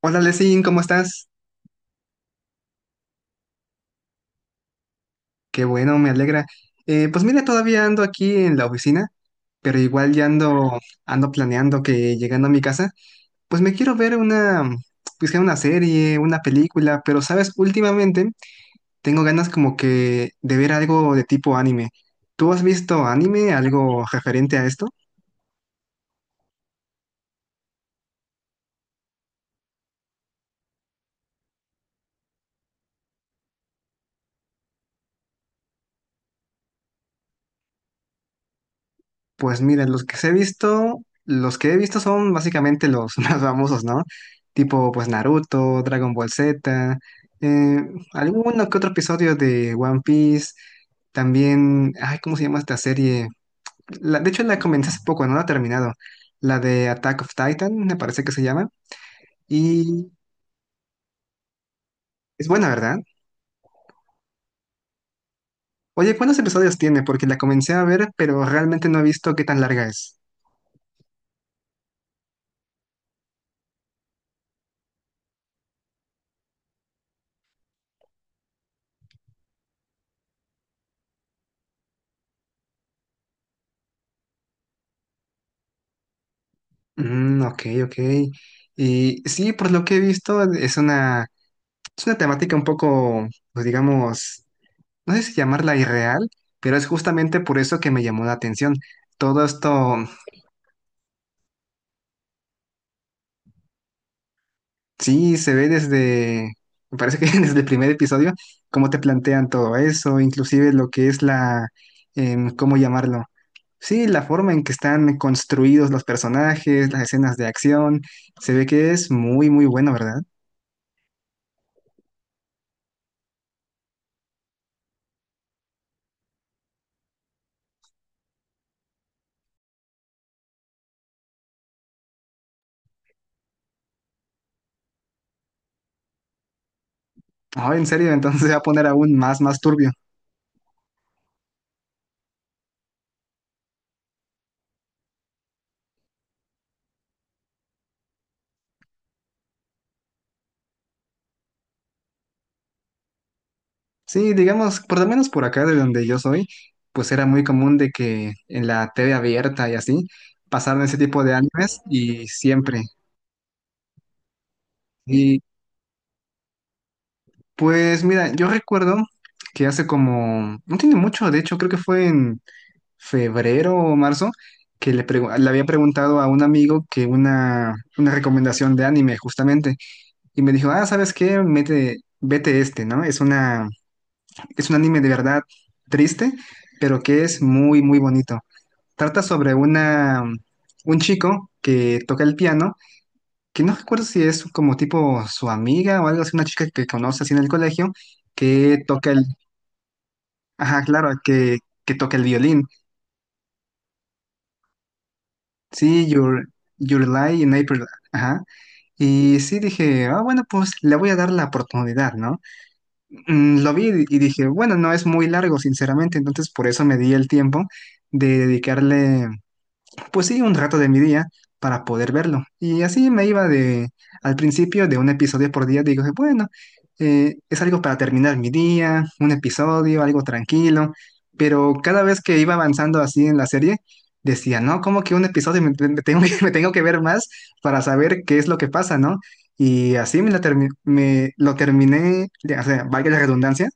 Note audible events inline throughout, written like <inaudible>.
Hola, Lesin, ¿cómo estás? Qué bueno, me alegra. Pues mira, todavía ando aquí en la oficina, pero igual ya ando, ando planeando que llegando a mi casa, pues me quiero ver una, pues que una serie, una película, pero sabes, últimamente tengo ganas como que de ver algo de tipo anime. ¿Tú has visto anime, algo referente a esto? Pues mira, los que he visto son básicamente los <laughs> más famosos, ¿no? Tipo, pues Naruto, Dragon Ball Z, eh, alguno que otro episodio de One Piece, también, ay, ¿cómo se llama esta serie? De hecho, la comencé hace poco, no la he terminado. La de Attack of Titan, me parece que se llama, y es buena, ¿verdad? Oye, ¿cuántos episodios tiene? Porque la comencé a ver, pero realmente no he visto qué tan larga es. Mm, ok, ok. Y sí, por lo que he visto, es una. Es una temática un poco, pues digamos, no sé si llamarla irreal, pero es justamente por eso que me llamó la atención. Todo esto, sí, se ve desde, me parece que <laughs> desde el primer episodio, cómo te plantean todo eso, inclusive lo que es la, ¿cómo llamarlo? Sí, la forma en que están construidos los personajes, las escenas de acción, se ve que es muy, muy bueno, ¿verdad? Ah, en serio, <laughs> entonces se va a poner aún más, más turbio. Sí, digamos, por lo menos por acá de donde yo soy, pues era muy común de que en la TV abierta y así pasaran ese tipo de animes y siempre. Y pues mira, yo recuerdo que hace como, no tiene mucho, de hecho creo que fue en febrero o marzo, le había preguntado a un amigo que una recomendación de anime justamente. Y me dijo, ah, ¿sabes qué? Mete, vete este, ¿no? Es una, es un anime de verdad triste, pero que es muy, muy bonito. Trata sobre una, un chico que toca el piano, que no recuerdo si es como tipo su amiga o algo así, una chica que conoce así en el colegio, que toca el, ajá, claro, que toca el violín. Sí, Your, Your Lie in April, ajá. Y sí dije, ah, bueno, pues le voy a dar la oportunidad, ¿no? Mm, lo vi y dije, bueno, no es muy largo, sinceramente, entonces por eso me di el tiempo de dedicarle pues sí, un rato de mi día para poder verlo. Y así me iba de, al principio de un episodio por día, digo, bueno, es algo para terminar mi día, un episodio, algo tranquilo, pero cada vez que iba avanzando así en la serie, decía, no, como que un episodio me, me tengo que, <laughs> me tengo que ver más para saber qué es lo que pasa, ¿no? Y así me, me lo terminé, o sea, valga la redundancia,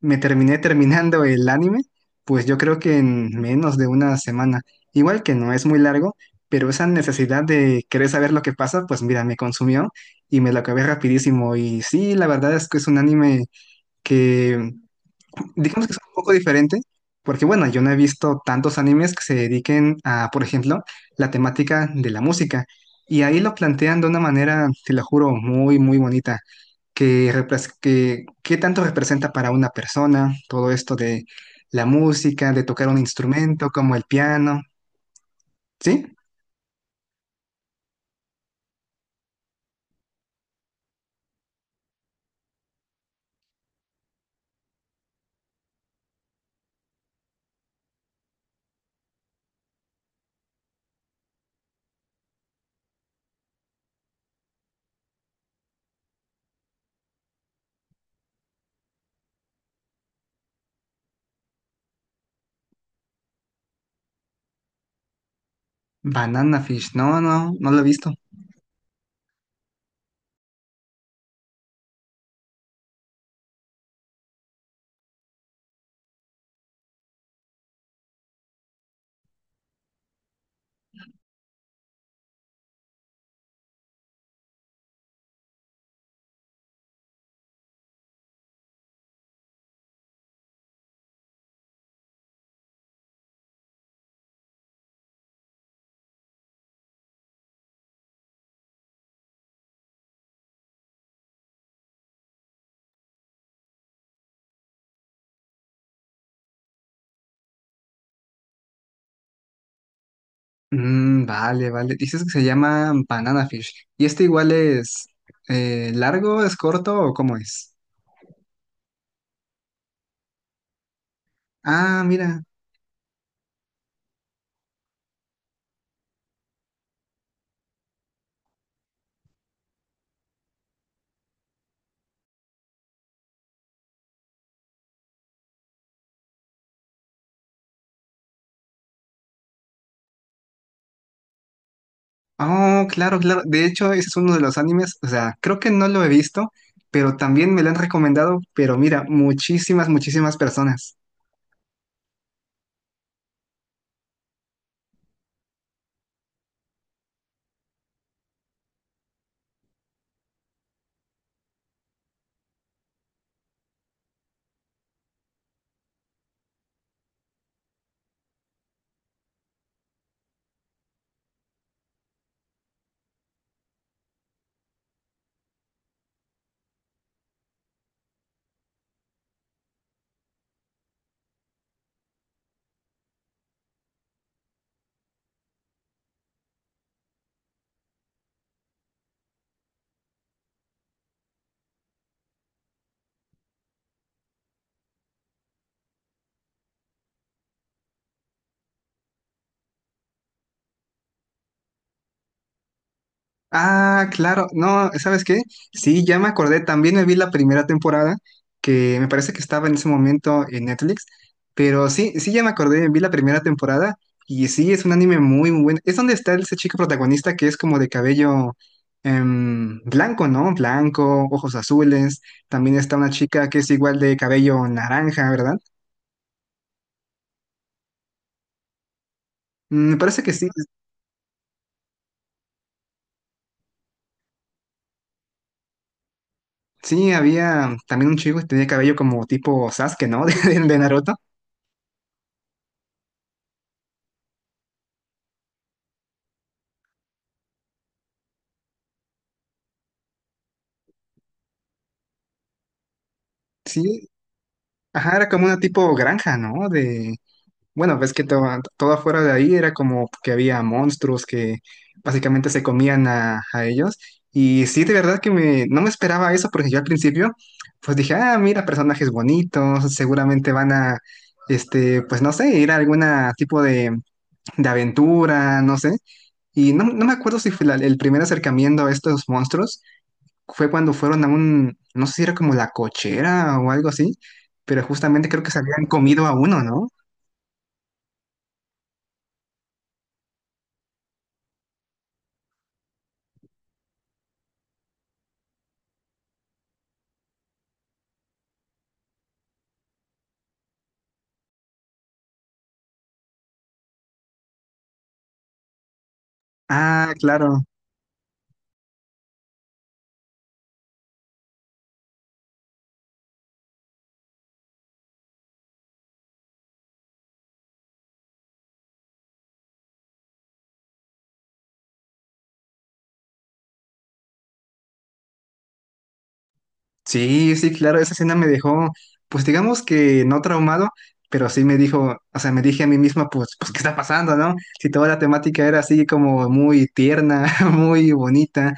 me terminé terminando el anime, pues yo creo que en menos de una semana. Igual que no es muy largo, pero esa necesidad de querer saber lo que pasa, pues mira, me consumió y me lo acabé rapidísimo. Y sí, la verdad es que es un anime que, digamos que es un poco diferente, porque bueno, yo no he visto tantos animes que se dediquen a, por ejemplo, la temática de la música. Y ahí lo plantean de una manera, te lo juro, muy, muy bonita que, qué tanto representa para una persona todo esto de la música, de tocar un instrumento como el piano, ¿sí? Banana Fish, no, no, no lo he visto. Mm, vale, vale, dices que se llama Banana Fish. ¿Y este igual es largo, es corto o cómo es? Ah, mira. Oh, claro, claro. De hecho, ese es uno de los animes, o sea, creo que no lo he visto, pero también me lo han recomendado, pero mira, muchísimas, muchísimas personas. Ah, claro. No, ¿sabes qué? Sí, ya me acordé. También me vi la primera temporada, que me parece que estaba en ese momento en Netflix. Pero sí, sí, ya me acordé. Vi la primera temporada. Y sí, es un anime muy, muy bueno. Es donde está ese chico protagonista que es como de cabello blanco, ¿no? Blanco, ojos azules. También está una chica que es igual de cabello naranja, ¿verdad? Mm, me parece que sí. Sí, había también un chico que tenía cabello como tipo Sasuke, ¿no? <laughs> De Naruto. Sí, ajá, era como una tipo granja, ¿no? De, bueno, ves que todo, todo afuera de ahí era como que había monstruos que básicamente se comían a ellos. Y sí, de verdad que me, no me esperaba eso porque yo al principio, pues dije, ah, mira, personajes bonitos, seguramente van a, este, pues no sé, ir a alguna tipo de aventura, no sé. Y no, no me acuerdo si fue el primer acercamiento a estos monstruos fue cuando fueron a un, no sé si era como la cochera o algo así, pero justamente creo que se habían comido a uno, ¿no? Ah, claro. Sí, sí, claro, esa escena me dejó, pues digamos que no traumado, pero sí me dijo, o sea, me dije a mí misma, pues, pues, ¿qué está pasando, no? Si toda la temática era así como muy tierna, <laughs> muy bonita,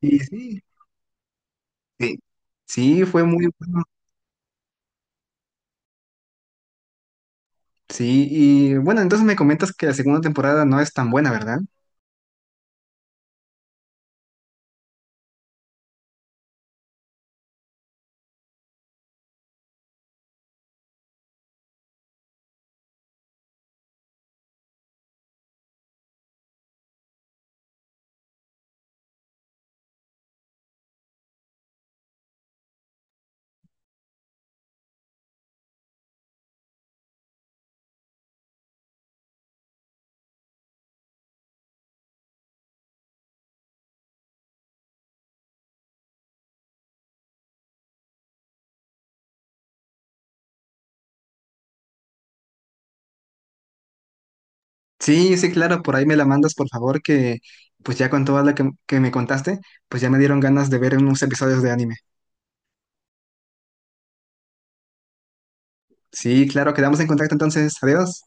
y sí, sí, sí, fue muy bueno. Sí, y bueno, entonces me comentas que la segunda temporada no es tan buena, ¿verdad? Sí, sí, claro, por ahí me la mandas, por favor, que pues ya con toda la que me contaste, pues ya me dieron ganas de ver unos episodios de anime. Sí, claro, quedamos en contacto entonces. Adiós.